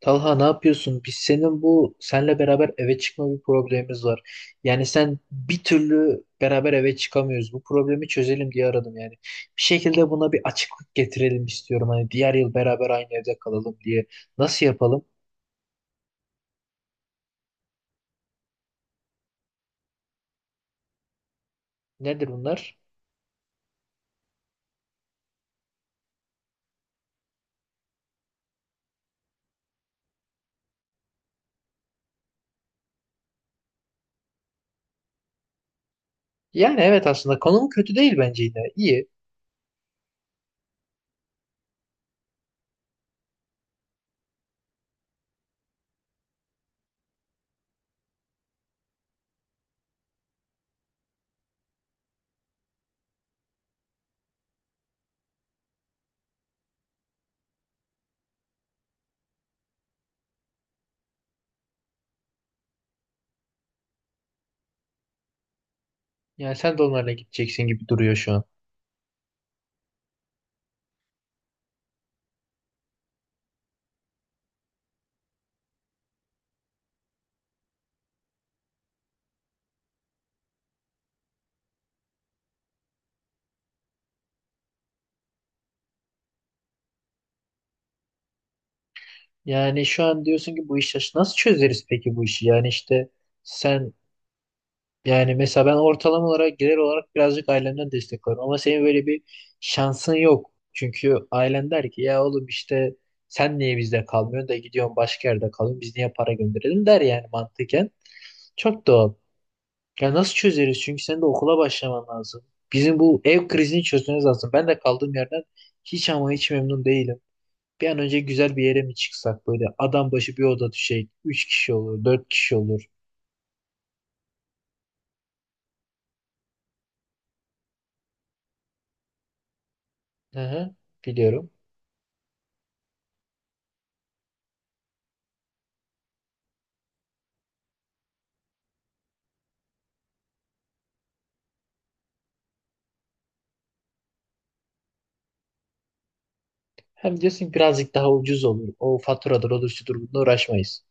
Talha ne yapıyorsun? Biz senin bu senle beraber eve çıkma bir problemimiz var. Yani sen bir türlü beraber eve çıkamıyoruz. Bu problemi çözelim diye aradım yani. Bir şekilde buna bir açıklık getirelim istiyorum. Hani diğer yıl beraber aynı evde kalalım diye. Nasıl yapalım? Nedir bunlar? Yani evet aslında konum kötü değil bence yine. İyi. Yani sen de onlarla gideceksin gibi duruyor şu an. Yani şu an diyorsun ki bu işi nasıl çözeriz peki bu işi? Yani işte sen. Yani mesela ben ortalama olarak gelir olarak birazcık ailemden destek alırım. Ama senin böyle bir şansın yok. Çünkü ailen der ki ya oğlum işte sen niye bizde kalmıyorsun da gidiyorsun başka yerde kalıyorsun. Biz niye para gönderelim der yani mantıken. Çok doğal. Ya nasıl çözeriz? Çünkü senin de okula başlaman lazım. Bizim bu ev krizini çözmemiz lazım. Ben de kaldığım yerden hiç ama hiç memnun değilim. Bir an önce güzel bir yere mi çıksak böyle adam başı bir oda düşecek. Üç kişi olur, dört kişi olur. Hı hı, biliyorum. Hem diyorsun ki birazcık daha ucuz olur. O faturadır, olur, şudur, bununla uğraşmayız.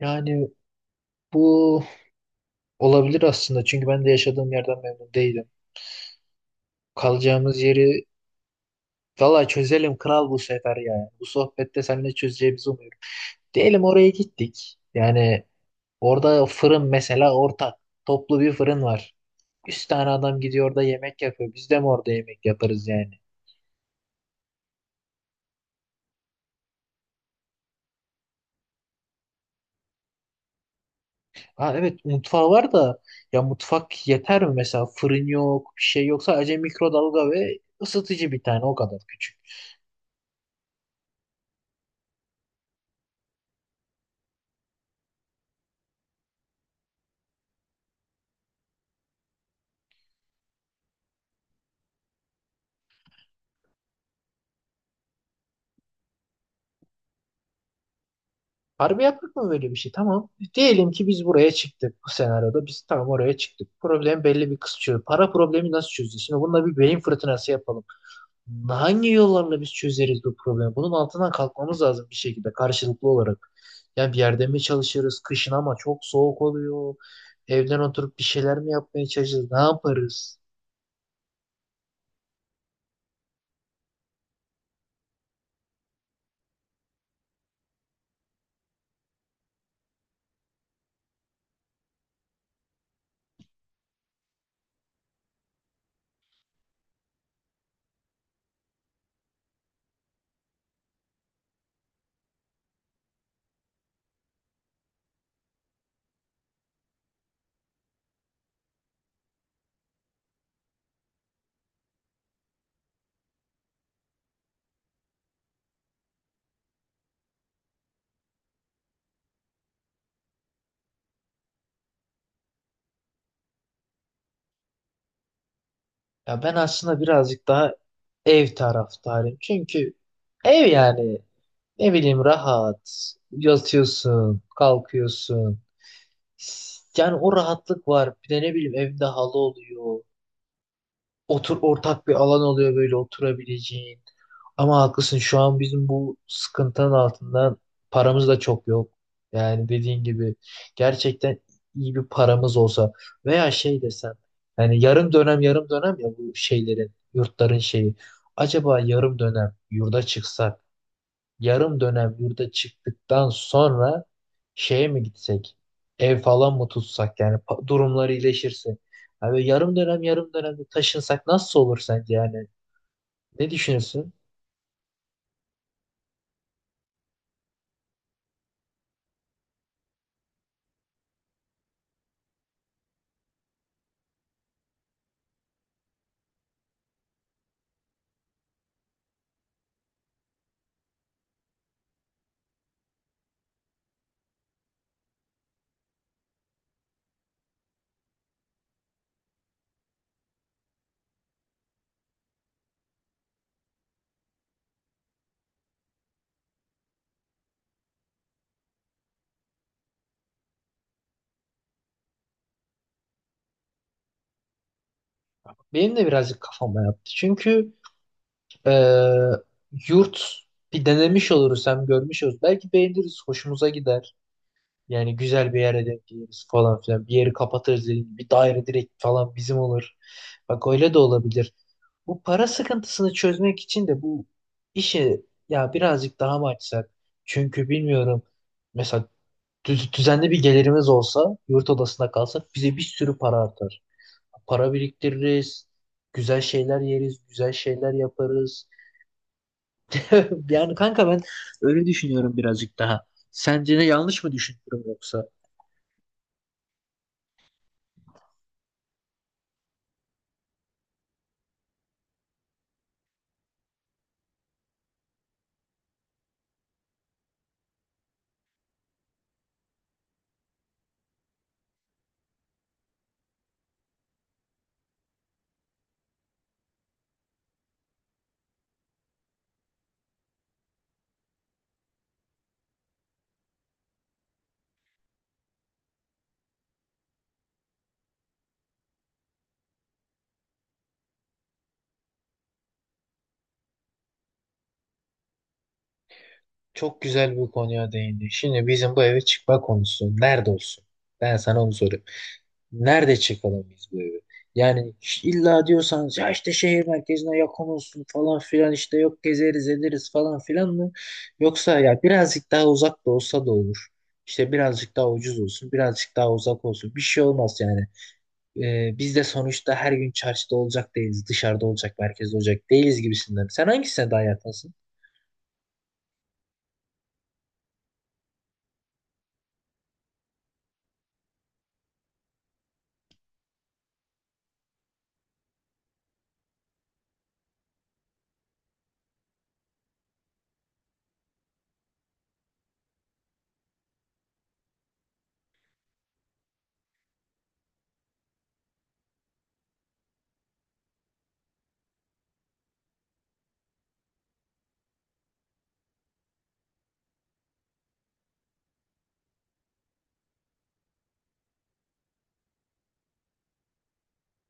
Yani bu olabilir aslında. Çünkü ben de yaşadığım yerden memnun değilim. Kalacağımız yeri valla çözelim kral bu sefer ya. Bu sohbette seninle çözeceğimizi umuyorum. Diyelim oraya gittik. Yani orada fırın mesela ortak. Toplu bir fırın var. Üç tane adam gidiyor orada yemek yapıyor. Biz de mi orada yemek yaparız yani? Ha evet, mutfağı var da ya mutfak yeter mi mesela, fırın yok, bir şey yok, sadece mikrodalga ve ısıtıcı bir tane, o kadar küçük. Harbi yaptık mı böyle bir şey, tamam. Diyelim ki biz buraya çıktık, bu senaryoda biz tamam oraya çıktık. Problem belli, bir kısmı para problemi, nasıl çözeceğiz? Şimdi bununla bir beyin fırtınası yapalım. Hangi yollarla biz çözeriz bu problemi? Bunun altından kalkmamız lazım bir şekilde karşılıklı olarak. Yani bir yerde mi çalışırız, kışın ama çok soğuk oluyor. Evden oturup bir şeyler mi yapmaya çalışırız? Ne yaparız? Ya ben aslında birazcık daha ev taraftarıyım. Çünkü ev yani ne bileyim rahat. Yatıyorsun, kalkıyorsun. Yani o rahatlık var. Bir de ne bileyim evde halı oluyor. Otur, ortak bir alan oluyor böyle oturabileceğin. Ama haklısın, şu an bizim bu sıkıntının altından paramız da çok yok. Yani dediğin gibi gerçekten iyi bir paramız olsa veya şey desem, yani yarım dönem yarım dönem ya, bu şeylerin yurtların şeyi. Acaba yarım dönem yurda çıksak, yarım dönem yurda çıktıktan sonra şeye mi gitsek, ev falan mı tutsak, yani durumları iyileşirse. Yani yarım dönem yarım dönemde taşınsak nasıl olur sence, yani ne düşünürsün? Benim de birazcık kafama yattı. Çünkü e, yurt bir denemiş oluruz, hem görmüş oluruz. Belki beğeniriz, hoşumuza gider. Yani güzel bir yere denk geliriz falan filan. Bir yeri kapatırız dediğim gibi. Bir daire direkt falan bizim olur. Bak öyle de olabilir. Bu para sıkıntısını çözmek için de bu işi ya birazcık daha mı açsak? Çünkü bilmiyorum. Mesela düzenli bir gelirimiz olsa, yurt odasında kalsak bize bir sürü para artar. Para biriktiririz. Güzel şeyler yeriz. Güzel şeyler yaparız. Yani kanka ben öyle düşünüyorum birazcık daha. Sence de yanlış mı düşünüyorum yoksa? Çok güzel bir konuya değindin. Şimdi bizim bu eve çıkma konusu nerede olsun? Ben sana onu soruyorum. Nerede çıkalım biz bu evi? Yani illa diyorsanız ya işte şehir merkezine yakın olsun falan filan işte, yok gezeriz ederiz falan filan mı? Yoksa ya birazcık daha uzak da olsa da olur. İşte birazcık daha ucuz olsun, birazcık daha uzak olsun. Bir şey olmaz yani. Biz de sonuçta her gün çarşıda olacak değiliz, dışarıda olacak, merkezde olacak değiliz gibisinden. Sen hangisine daha yakınsın?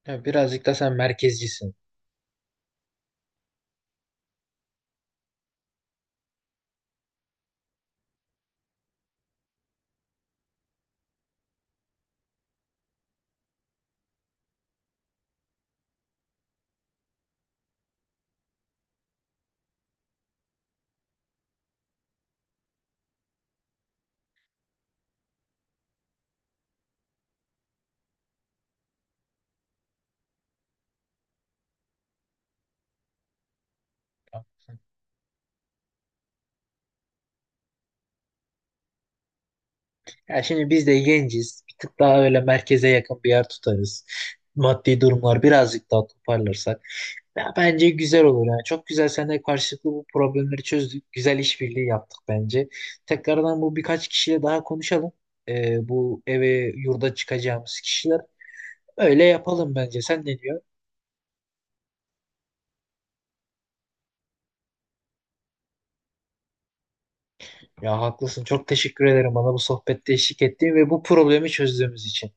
Ya birazcık da sen merkezcisin. Ya şimdi biz de genciz. Bir tık daha öyle merkeze yakın bir yer tutarız. Maddi durumlar birazcık daha toparlarsak. Ya bence güzel olur. Yani çok güzel seninle karşılıklı bu problemleri çözdük. Güzel işbirliği yaptık bence. Tekrardan bu birkaç kişiyle daha konuşalım. Bu eve, yurda çıkacağımız kişiler. Öyle yapalım bence. Sen ne diyorsun? Ya haklısın. Çok teşekkür ederim bana bu sohbette eşlik ettiğin ve bu problemi çözdüğümüz için.